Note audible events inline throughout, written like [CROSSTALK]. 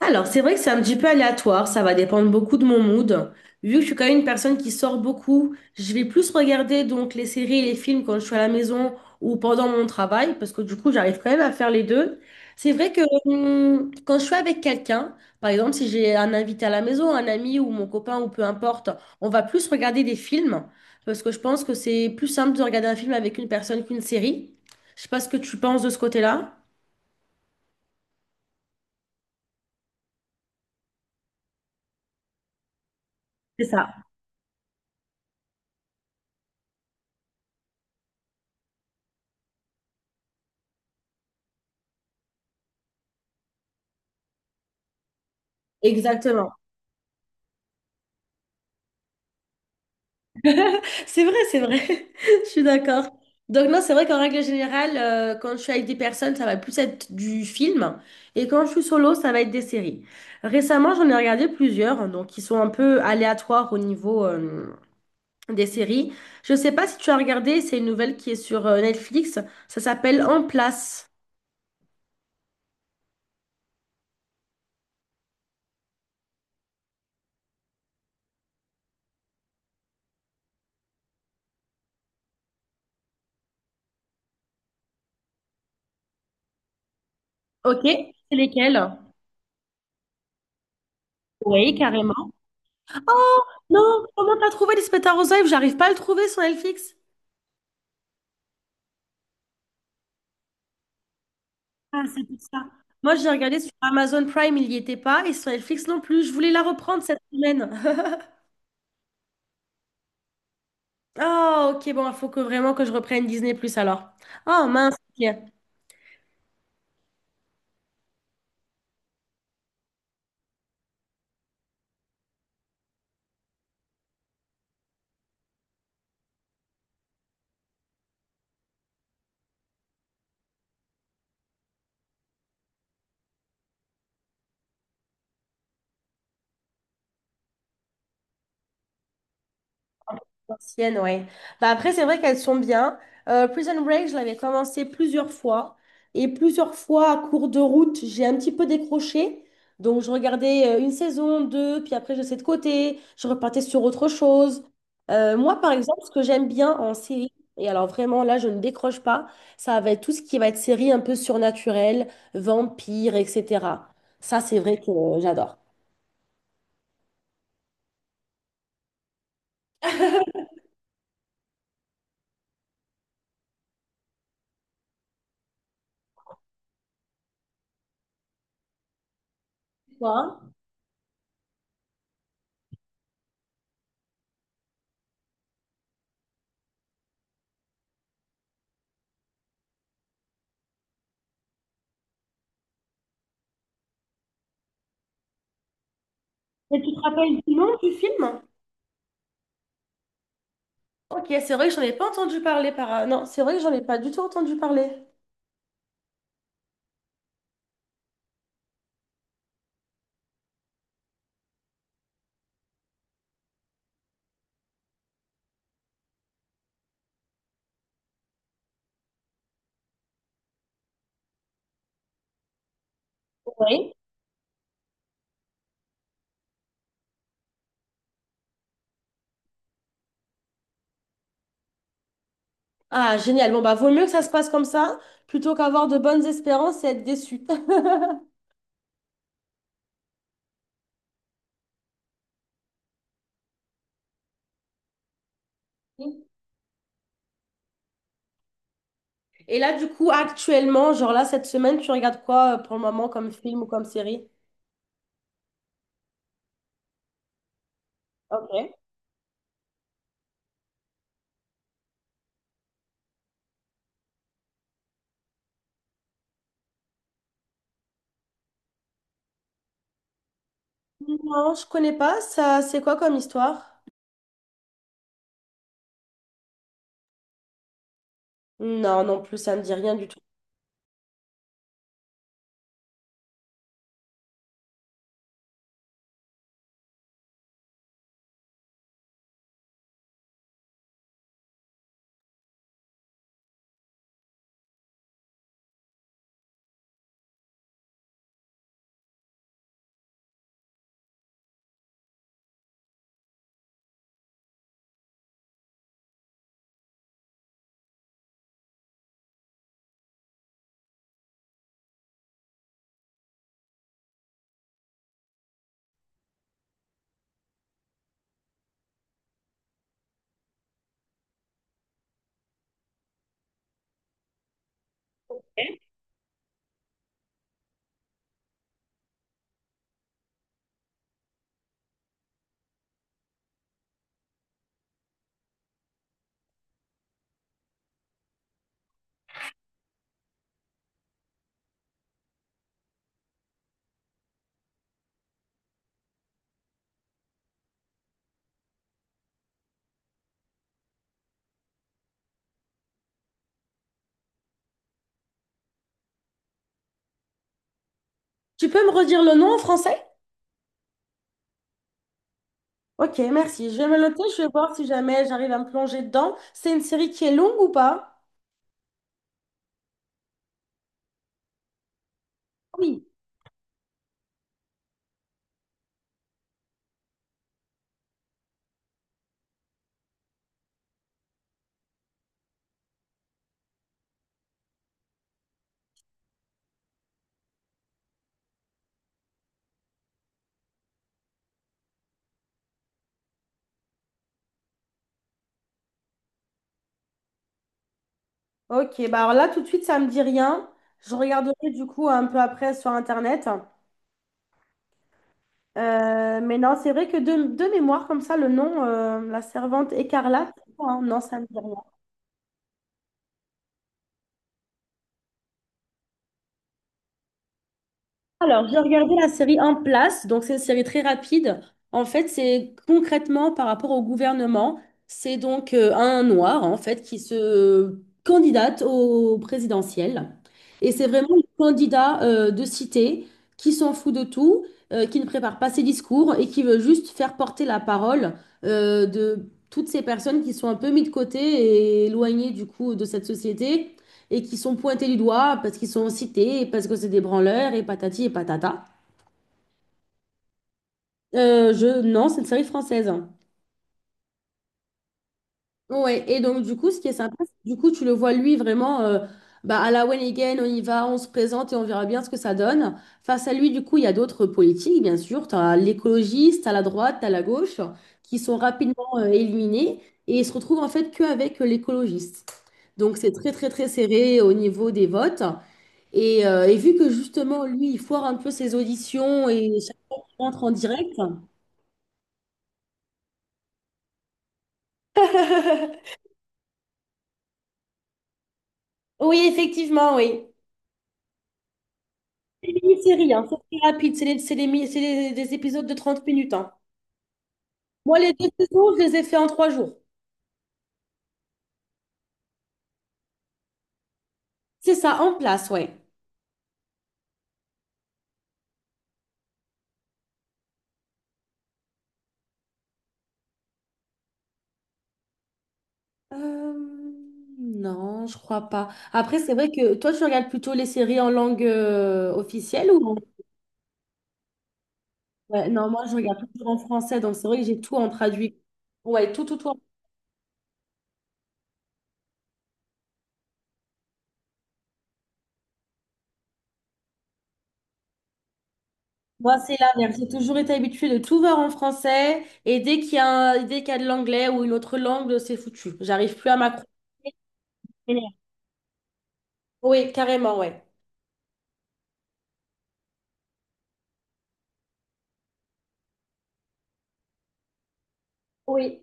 Alors, c'est vrai que c'est un petit peu aléatoire, ça va dépendre beaucoup de mon mood. Vu que je suis quand même une personne qui sort beaucoup, je vais plus regarder donc les séries et les films quand je suis à la maison ou pendant mon travail, parce que du coup, j'arrive quand même à faire les deux. C'est vrai que quand je suis avec quelqu'un, par exemple, si j'ai un invité à la maison, un ami ou mon copain ou peu importe, on va plus regarder des films, parce que je pense que c'est plus simple de regarder un film avec une personne qu'une série. Je sais pas ce que tu penses de ce côté-là. C'est ça. Exactement. C'est vrai, c'est vrai. [LAUGHS] Je suis d'accord. Donc non, c'est vrai qu'en règle générale, quand je suis avec des personnes, ça va plus être du film. Et quand je suis solo, ça va être des séries. Récemment, j'en ai regardé plusieurs, hein, donc qui sont un peu aléatoires au niveau des séries. Je sais pas si tu as regardé, c'est une nouvelle qui est sur Netflix. Ça s'appelle En place. Ok, c'est lesquelles? Oui, carrément. Oh, non, comment t'as trouvé Lisbeth Arrosaïev? J'arrive pas à le trouver sur Netflix. Ah, c'est pour ça. Moi, j'ai regardé sur Amazon Prime, il n'y était pas, et sur Netflix non plus. Je voulais la reprendre cette semaine. [LAUGHS] Ah, ok, bon, il faut que vraiment que je reprenne Disney Plus alors. Oh mince. Ok. Anciennes, ouais. Bah après, c'est vrai qu'elles sont bien. Prison Break, je l'avais commencé plusieurs fois. Et plusieurs fois, à cours de route, j'ai un petit peu décroché. Donc, je regardais une saison, deux, puis après, je laissais de côté. Je repartais sur autre chose. Moi, par exemple, ce que j'aime bien en série, et alors vraiment, là, je ne décroche pas, ça va être tout ce qui va être série un peu surnaturelle, vampire, etc. Ça, c'est vrai que j'adore. Toi? Et tu te rappelles du nom du film? Ok, c'est vrai que j'en ai pas entendu parler par... Non, c'est vrai que j'en ai pas du tout entendu parler. Oui. Ah, génial. Bon, bah, vaut mieux que ça se passe comme ça plutôt qu'avoir de bonnes espérances et être déçu. [LAUGHS] Et là, du coup, actuellement, genre là, cette semaine, tu regardes quoi pour le moment comme film ou comme série? Ok. Non, je connais pas. Ça, c'est quoi comme histoire? Non, non plus, ça me dit rien du tout. Tu peux me redire le nom en français? Ok, merci. Je vais me le noter. Je vais voir si jamais j'arrive à me plonger dedans. C'est une série qui est longue ou pas? Oui. Ok, bah alors là tout de suite ça me dit rien. Je regarderai du coup un peu après sur internet. Mais non, c'est vrai que de mémoire comme ça, le nom, la servante écarlate, hein, non, ça me dit rien. Alors, j'ai regardé la série En place, donc c'est une série très rapide. En fait, c'est concrètement par rapport au gouvernement. C'est donc un noir, en fait, qui se candidate au présidentiel. Et c'est vraiment le candidat de cité qui s'en fout de tout, qui ne prépare pas ses discours et qui veut juste faire porter la parole de toutes ces personnes qui sont un peu mises de côté et éloignées du coup de cette société et qui sont pointés du doigt parce qu'ils sont cités, et parce que c'est des branleurs, et patati et patata. Non, c'est une série française. Ouais, et donc du coup, ce qui est sympa, c'est que du coup, tu le vois lui vraiment bah, à la one again, on y va, on se présente et on verra bien ce que ça donne. Face à lui, du coup, il y a d'autres politiques, bien sûr. Tu as l'écologiste, à la droite, tu la gauche, qui sont rapidement éliminés et ils se retrouvent en fait qu'avec l'écologiste. Donc c'est très, très, très serré au niveau des votes. Et vu que justement, lui, il foire un peu ses auditions et chaque fois qu'il rentre en direct, [LAUGHS] oui, effectivement, oui. C'est des mini-séries, hein, c'est très rapide, c'est les mi- c'est les- des épisodes de 30 minutes, hein. Moi, les deux saisons, je les ai fait en 3 jours. C'est ça, en place, ouais. Euh, non, je crois pas. Après, c'est vrai que toi, tu regardes plutôt les séries en langue officielle ou... en- ouais, non, moi, je regarde toujours en français, donc c'est vrai que j'ai tout en traduit. Ouais, tout, tout, tout. Moi, c'est l'inverse. J'ai toujours été habituée de tout voir en français et dès qu'il y a un- dès qu'il y a de l'anglais ou une autre langue, c'est foutu. J'arrive plus à m'accrocher. Oui, carrément, ouais. Oui.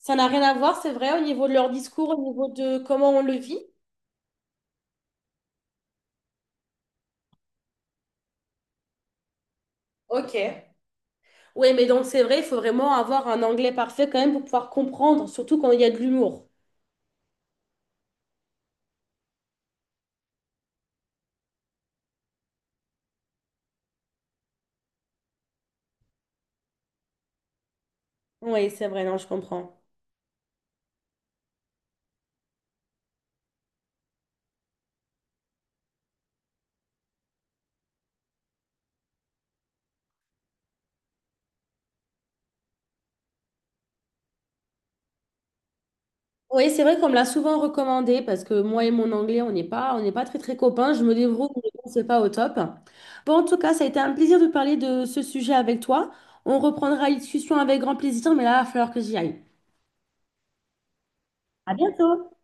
Ça n'a rien à voir, c'est vrai, au niveau de leur discours, au niveau de comment on le vit. Ok. Oui, mais donc c'est vrai, il faut vraiment avoir un anglais parfait quand même pour pouvoir comprendre, surtout quand il y a de l'humour. Oui, c'est vrai, non, je comprends. Oui, c'est vrai qu'on me l'a souvent recommandé parce que moi et mon anglais, on n'est pas très très copains. Je me débrouille, mais bon, c'est pas au top. Bon, en tout cas, ça a été un plaisir de parler de ce sujet avec toi. On reprendra la discussion avec grand plaisir, mais là, il va falloir que j'y aille. À bientôt!